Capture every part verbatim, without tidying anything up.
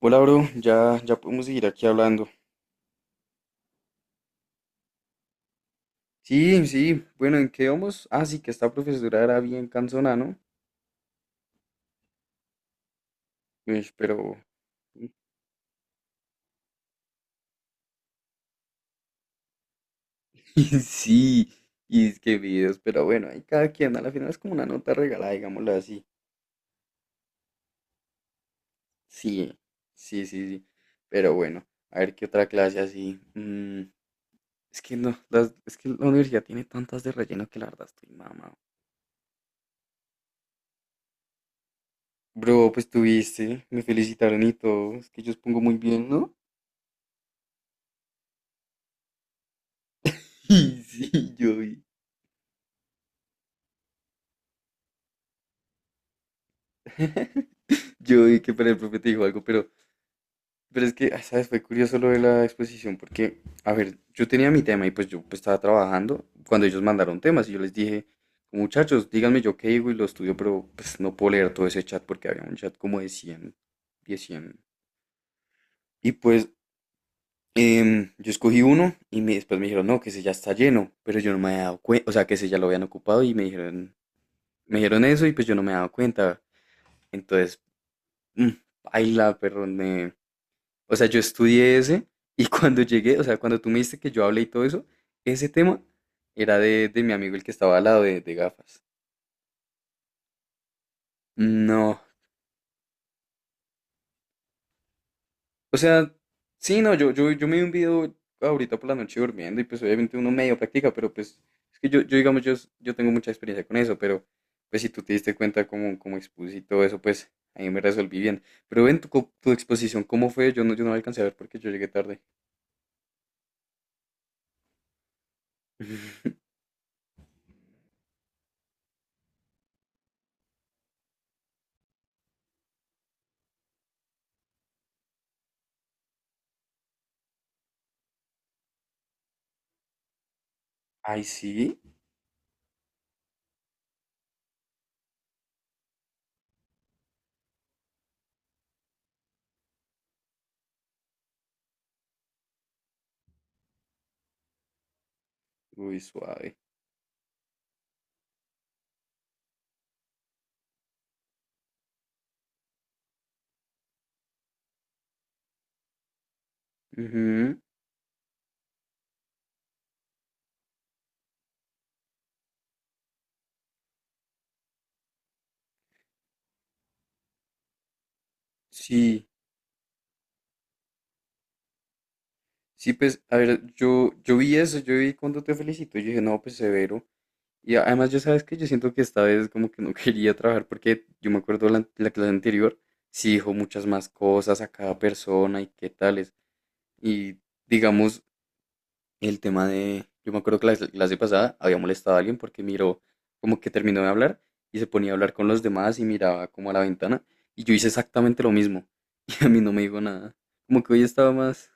Hola, bro, ya, ya podemos seguir aquí hablando. Sí, sí, bueno, ¿en qué vamos? Ah, sí, que esta profesora era bien cansona, ¿no? Uy, pero... Sí, y es que videos, pero bueno, ahí cada quien, a la final es como una nota regalada, digámoslo así. Sí, sí, sí, sí, pero bueno, a ver qué otra clase así. Mm, es que no, las- es que la universidad tiene tantas de relleno que la verdad estoy mamado. Bro, pues tuviste, me felicitaron y todo, es que yo pongo muy bien, ¿no? Sí, sí, yo vi. Yo vi que para el profe te dijo algo, pero, pero es que, ah, ¿sabes? Fue curioso lo de la exposición, porque, a ver, yo tenía mi tema y pues yo pues, estaba trabajando cuando ellos mandaron temas y yo les dije, muchachos, díganme yo qué digo y lo estudio, pero pues no puedo leer todo ese chat porque había un chat como de cien diez, cien. Y pues em, yo escogí uno y me, después me dijeron, no, que ese ya está lleno, pero yo no me había dado cuenta, o sea, que ese ya lo habían ocupado y me dijeron, me dijeron eso y pues yo no me había dado cuenta. Entonces, mm, paila, perro, me, o sea, yo estudié ese y cuando llegué, o sea, cuando tú me dijiste que yo hablé y todo eso, ese tema era de, de mi amigo el que estaba al lado de, de gafas. No. O sea, sí, no, yo, yo, yo me vi un video ahorita por la noche durmiendo y pues obviamente uno medio practica, pero pues es que yo, yo digamos, yo, yo tengo mucha experiencia con eso, pero pues si tú te diste cuenta cómo, cómo expuse y todo eso, pues ahí me resolví bien. Pero ven, tu, co- tu exposición, ¿cómo fue? Yo no, yo no la alcancé a ver porque yo llegué tarde. Ay, sí. Uy, suave. Ujú. Sí. Sí, pues, a ver, yo, yo vi eso, yo vi cuando te felicito, y yo dije, no, pues severo. Y a- además, yo sabes que yo siento que esta vez como que no quería trabajar porque yo me acuerdo la, la clase anterior, sí dijo muchas más cosas a cada persona y qué tales. Y digamos, el tema de, yo me acuerdo que la clase clase pasada había molestado a alguien porque miró como que terminó de hablar y se ponía a hablar con los demás y miraba como a la ventana. Y yo hice exactamente lo mismo. Y a mí no me dijo nada. Como que hoy estaba más...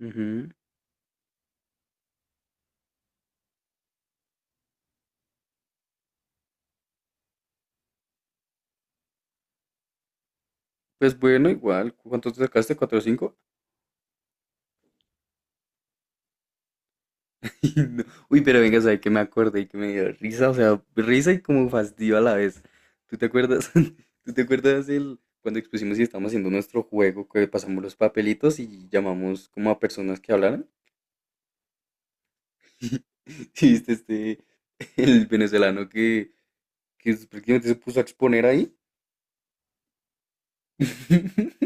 Ujú. Pues bueno, igual. ¿Cuánto te sacaste? ¿Cuatro o cinco? No. Uy, pero venga, ¿sabes qué me acordé y que me dio risa? O sea, risa y como fastidio a la vez. ¿Tú te acuerdas? ¿Tú te acuerdas el cuando expusimos y estábamos haciendo nuestro juego que pasamos los papelitos y llamamos como a personas que hablaran? ¿Sí viste este, el venezolano que, que prácticamente se puso a exponer ahí?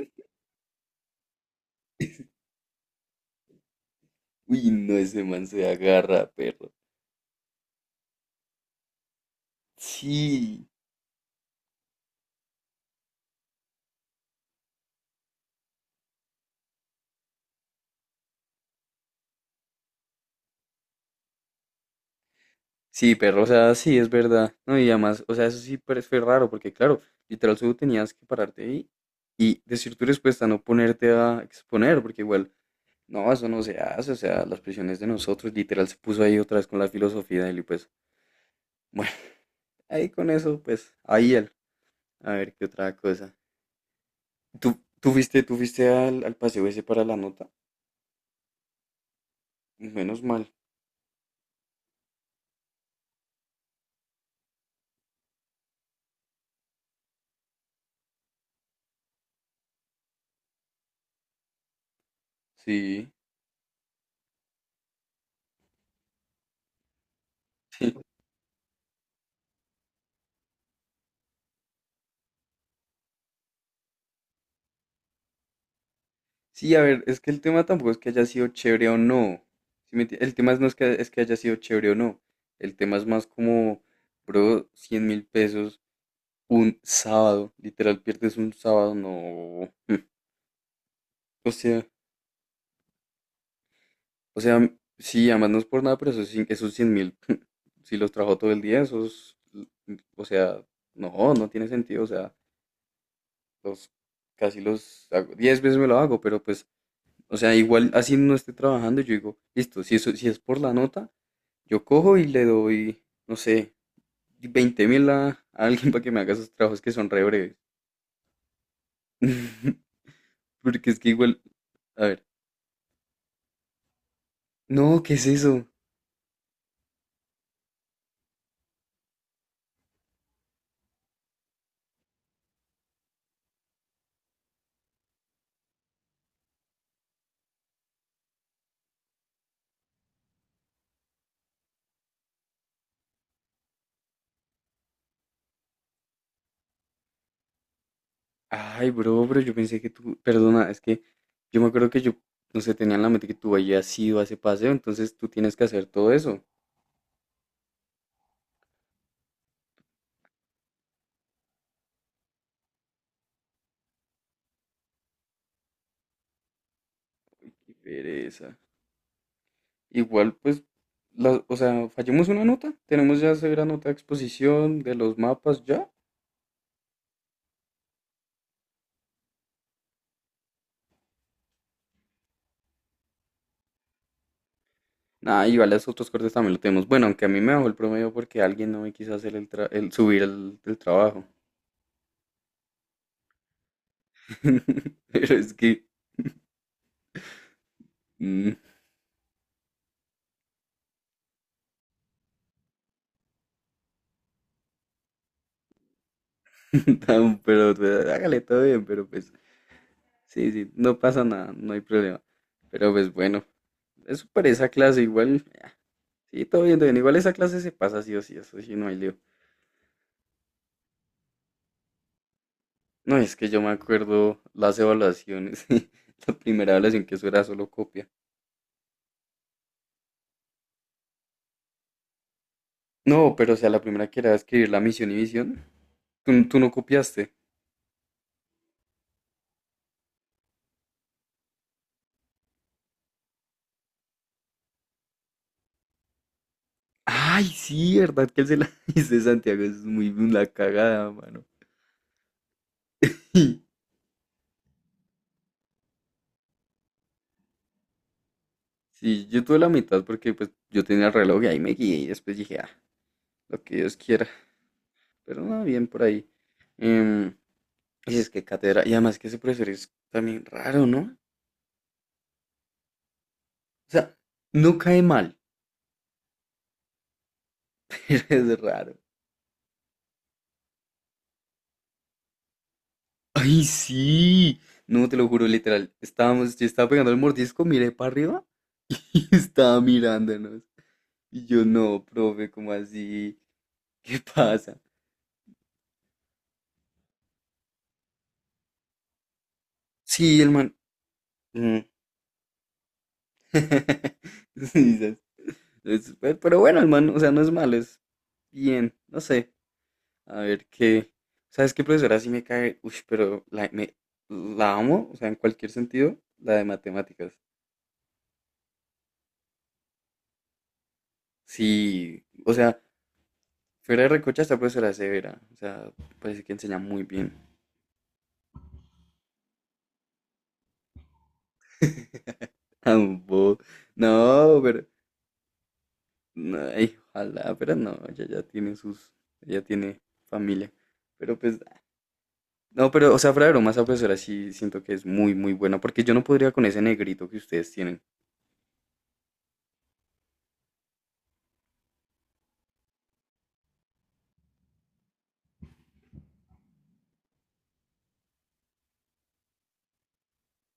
Uy, no, ese man se agarra, perro. Sí. Sí, perro, o sea, sí, es verdad. No, y además, o sea, eso sí pero fue raro, porque claro, literal, solo tenías que pararte ahí y decir tu respuesta, no ponerte a exponer, porque igual, no, eso no se hace, o sea, las prisiones de nosotros, literal, se puso ahí otra vez con la filosofía de él y pues, bueno, ahí con eso, pues, ahí él. A ver, qué otra cosa. ¿Tú, tú fuiste, tú fuiste al, al paseo ese para la nota? Menos mal, sí. Sí, a ver, es que el tema tampoco es que haya sido chévere o no. ¿Sí me enti- el tema es no es que, es que haya sido chévere o no. El tema es más como, bro, cien mil pesos un sábado. Literal, pierdes un sábado, no. O sea, o sea, sí, además no es por nada, pero esos, cien- esos cien mil, si los trajo todo el día, esos, o sea, no, no tiene sentido. O sea, los, casi los hago. diez veces me lo hago, pero pues, o sea, igual así no esté trabajando, yo digo, listo, si, eso, si es por la nota. Yo cojo y le doy, no sé, veinte mil a, a alguien para que me haga esos trabajos que son re breves. Porque es que igual, a ver, no, ¿qué es eso? Ay, bro, pero yo pensé que tú, perdona, es que yo me acuerdo que yo, no sé, tenía en la mente que tú habías ido a ese paseo, entonces tú tienes que hacer todo eso. Qué pereza. Igual, pues, la- o sea, fallamos una nota, tenemos ya severa nota de exposición de los mapas, ya. Ah, igual los otros cortes también lo tenemos. Bueno, aunque a mí me bajó el promedio porque alguien no me quiso hacer el, tra- el subir el, el trabajo. Pero es que, mm, tan- pero pues, hágale todo bien, pero pues, sí, sí, no pasa nada, no hay problema. Pero pues bueno, eso para esa clase igual, sí, todo bien, todo bien. Igual esa clase se pasa sí o sí, eso sí, no hay lío. No, es que yo me acuerdo las evaluaciones. La primera evaluación que eso era solo copia. No, pero o sea, la primera que era escribir la misión y visión. ¿Tú, tú no copiaste? Ay, sí, ¿verdad que él se la dice Santiago? Es muy una cagada, mano. Sí, yo tuve la mitad porque pues yo tenía el reloj y ahí me guié y después dije, ah, lo que Dios quiera. Pero no, bien por ahí. Em, y es que cátedra, y además que ese profesor es también raro, ¿no? O sea, no cae mal, pero es raro. Ay, sí. No, te lo juro, literal. Estábamos, yo estaba pegando el mordisco, miré para arriba y estaba mirándonos. Y yo, no, profe, ¿cómo así? ¿Qué pasa? Sí, el man. mm. Sí, ¿sabes? Es- pe- pero bueno, el man, o sea, no es malo, es bien, no sé. A ver qué. ¿Sabes qué profesora sí me cae? Uy, pero la, me, la amo, o sea, en cualquier sentido, la de matemáticas. Sí, o sea, fuera de recocha, esta profesora es severa, o sea, parece que enseña muy bien. Ambo. No, pero. No, ay, ojalá, pero no, ella ya tiene sus. Ella tiene familia. Pero pues no, pero, o sea, fuera de broma, esa profesora sí siento que es muy, muy buena, porque yo no podría con ese negrito que ustedes tienen.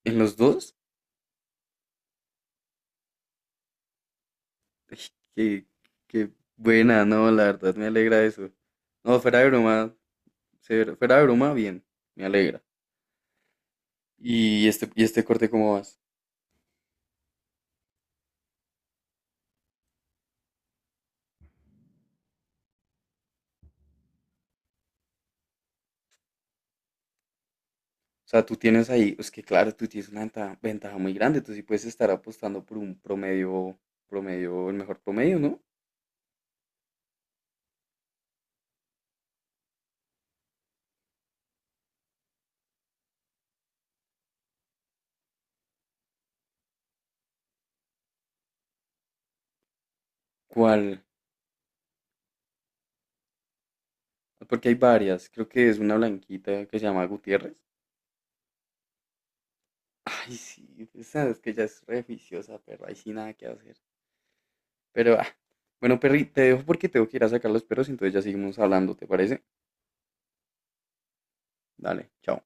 ¿En los dos? Ay, qué, qué buena, no, la verdad, me alegra eso. No, fuera de broma, se- fuera de broma, bien, me alegra. ¿Y este, y este corte cómo vas? O sea, tú tienes ahí, es que claro, tú tienes una venta- ventaja muy grande, tú sí puedes estar apostando por un promedio, promedio, el mejor promedio, ¿no? ¿Cuál? Porque hay varias, creo que es una blanquita que se llama Gutiérrez. Ay, sí, pues, sabes que ya es re juiciosa, perro. Ahí sí nada que hacer. Pero, ah, bueno, Perry, te dejo porque tengo que ir a sacar los perros, entonces ya seguimos hablando, ¿te parece? Dale, chao.